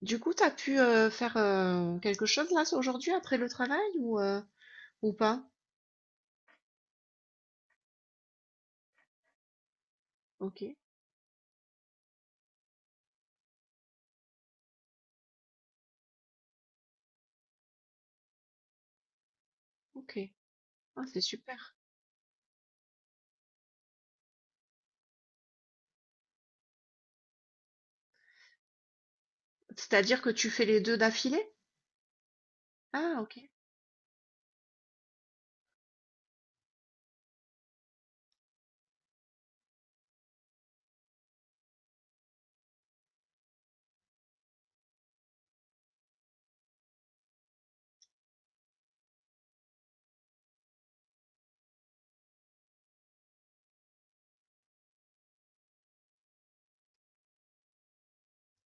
Du coup, t'as pu faire quelque chose là aujourd'hui après le travail ou pas? Ok, ok. Ah, c'est super. C'est-à-dire que tu fais les deux d'affilée? Ah, ok.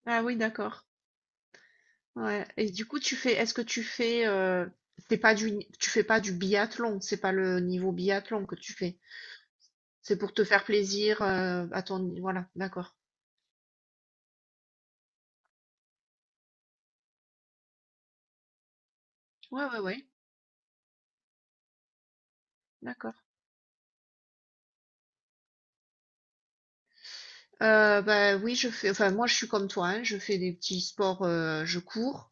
Ah oui, d'accord. Ouais. Et du coup, tu fais, est-ce que tu fais, c'est pas du, tu fais pas du biathlon, c'est pas le niveau biathlon que tu fais. C'est pour te faire plaisir, à ton, voilà, d'accord. Ouais, ouais, ouais, d'accord. Bah oui, je fais, enfin moi je suis comme toi, hein, je fais des petits sports, je cours.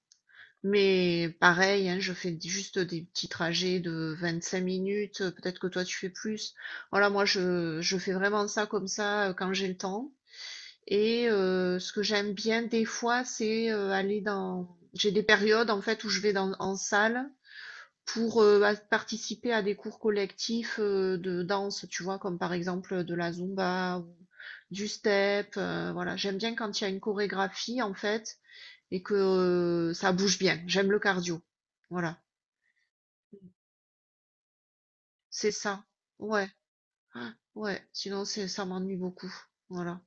Mais pareil, hein, je fais juste des petits trajets de 25 minutes. Peut-être que toi, tu fais plus. Voilà, moi, je fais vraiment ça comme ça quand j'ai le temps. Et ce que j'aime bien des fois, c'est aller dans... J'ai des périodes, en fait, où je vais dans, en salle pour participer à des cours collectifs de danse, tu vois, comme par exemple de la Zumba ou du step. Voilà, j'aime bien quand il y a une chorégraphie, en fait et que ça bouge bien. J'aime le cardio. Voilà, c'est ça. Ouais, ah, ouais. Sinon, c'est ça m'ennuie beaucoup. Voilà.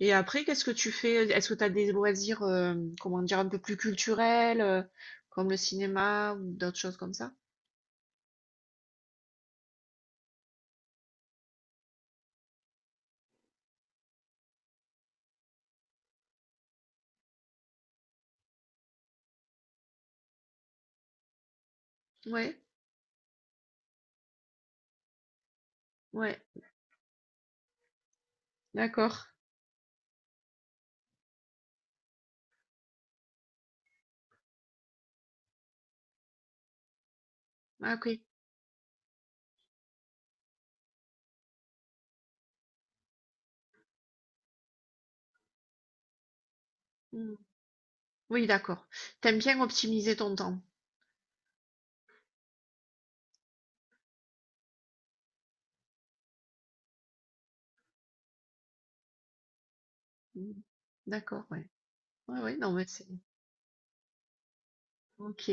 Et après, qu'est-ce que tu fais? Est-ce que tu as des loisirs, comment dire, un peu plus culturels, comme le cinéma ou d'autres choses comme ça? Ouais, ouais. D'accord. Ah, ok. Hmm. Oui, d'accord. T'aimes bien optimiser ton temps. Hmm. D'accord, ouais. Ouais, ouais, non, mais c'est... Ok.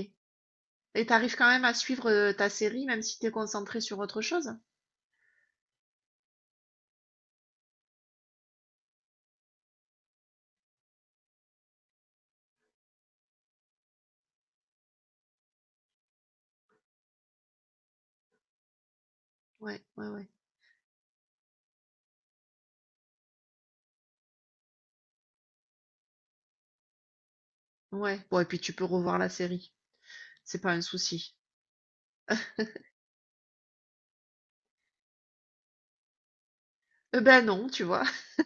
Et t'arrives quand même à suivre ta série, même si t'es concentré sur autre chose? Ouais, ouais, ouais. Ouais. Bon, et puis tu peux revoir la série. C'est pas un souci. Eh ben non, tu vois.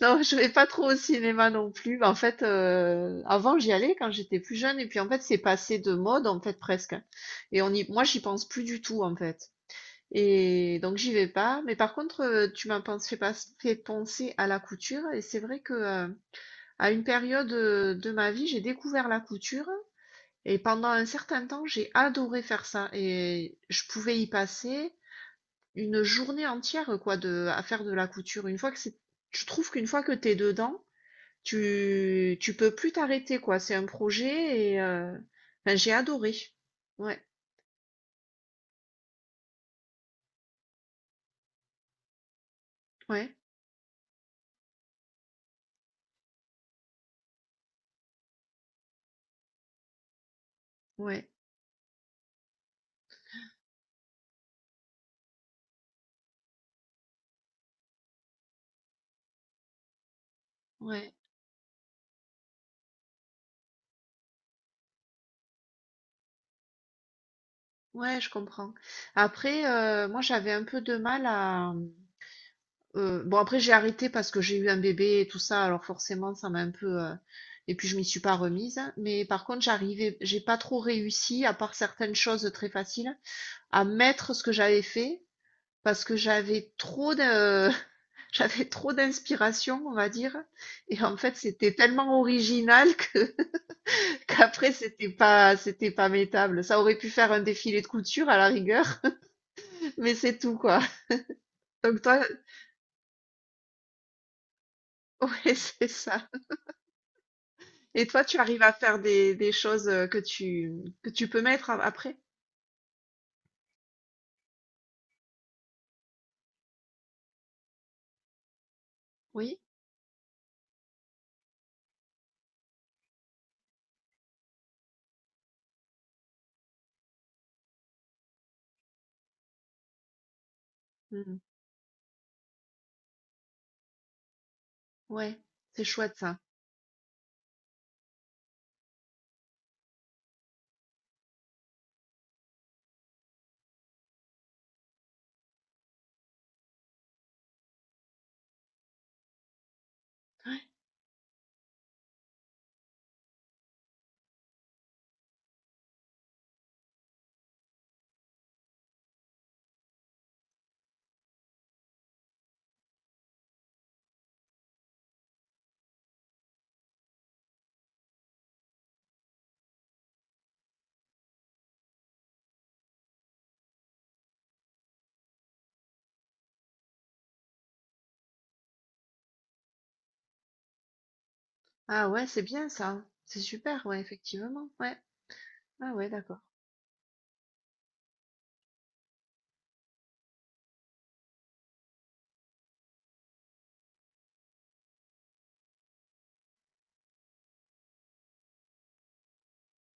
Non, je vais pas trop au cinéma non plus. En fait, avant j'y allais quand j'étais plus jeune, et puis en fait c'est passé de mode en fait presque. Et on y, moi j'y pense plus du tout en fait. Et donc j'y vais pas. Mais par contre, tu m'as pensé, fait pas- fait penser à la couture, et c'est vrai que à une période de ma vie, j'ai découvert la couture et pendant un certain temps, j'ai adoré faire ça et je pouvais y passer une journée entière quoi de à faire de la couture. Une fois que c'est je trouve qu'une fois que t'es dedans, tu peux plus t'arrêter quoi, c'est un projet et enfin, j'ai adoré. Ouais, ouais, ouais, ouais. Ouais, je comprends. Après, moi, j'avais un peu de mal à, bon, après, j'ai arrêté parce que j'ai eu un bébé et tout ça, alors forcément, ça m'a un peu. Et puis, je m'y suis pas remise. Mais par contre, j'ai pas trop réussi, à part certaines choses très faciles, à mettre ce que j'avais fait parce que j'avais trop de. J'avais trop d'inspiration, on va dire. Et en fait, c'était tellement original que qu'après, c'était pas mettable. Ça aurait pu faire un défilé de couture à la rigueur, mais c'est tout, quoi. Donc toi, ouais, c'est ça. Et toi, tu arrives à faire des choses que tu peux mettre après? Oui? Mhm. Ouais, c'est chouette ça. Ouais. Ah ouais, c'est bien ça. C'est super, ouais, effectivement. Ouais. Ah ouais, d'accord.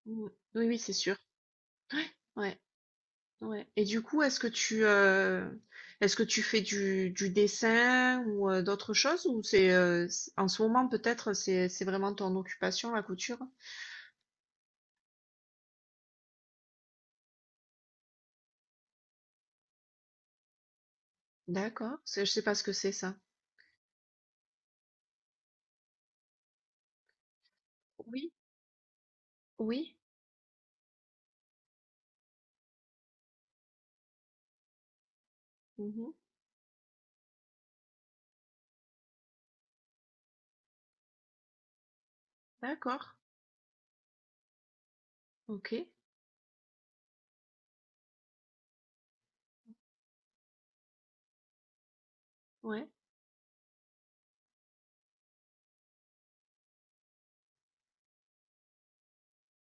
Mhm. Oui, oui, c'est sûr. Ouais, ouais, ouais. Et du coup, est-ce que tu fais du dessin ou d'autres choses? Ou c'est, en ce moment, peut-être, c'est vraiment ton occupation, la couture? D'accord. C'est- Je sais pas ce que c'est ça. Oui, oui. Mhm. D'accord. Ok. Ouais.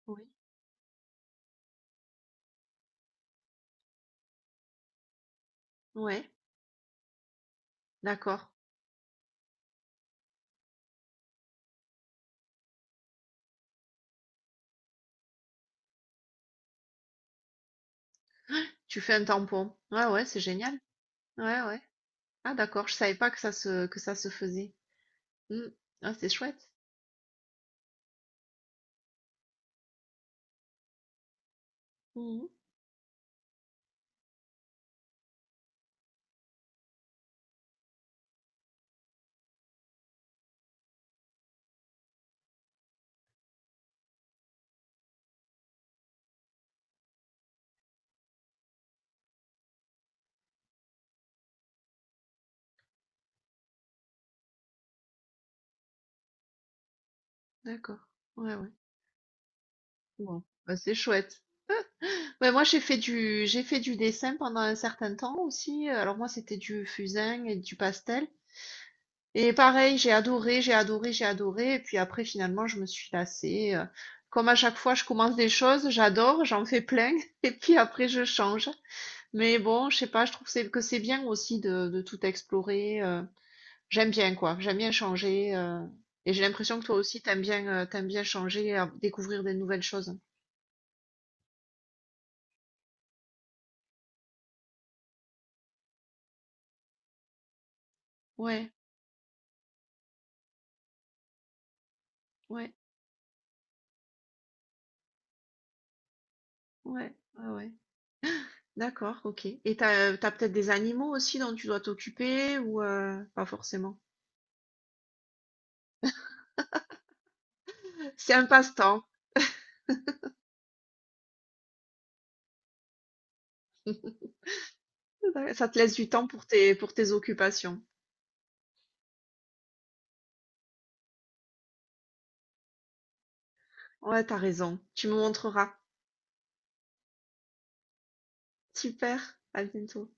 Oui. Ouais, d'accord. Tu fais un tampon. Ouais, ouais, c'est génial. Ouais, ouais. Ah, d'accord, je savais pas que ça se, que ça se faisait. Hmm. Ah, c'est chouette. Mhm. D'accord. Ouais, ouais. Bon, bah, c'est chouette. Ouais, moi, j'ai fait du dessin pendant un certain temps aussi. Alors, moi, c'était du fusain et du pastel. Et pareil, j'ai adoré, j'ai adoré, j'ai adoré. Et puis après, finalement, je me suis lassée. Comme à chaque fois, je commence des choses, j'adore, j'en fais plein. Et puis après, je change. Mais bon, je sais pas, je trouve que c'est bien aussi de tout explorer. J'aime bien quoi, j'aime bien changer. Et j'ai l'impression que toi aussi t'aimes bien changer, découvrir des nouvelles choses. Ouais, ouais, ouais, ouais, ouais. D'accord, ok. Et t'as, t'as peut-être des animaux aussi dont tu dois t'occuper ou pas forcément. C'est un passe-temps. Ça te laisse du temps pour tes occupations. Ouais, t'as raison. Tu me montreras. Super, à bientôt.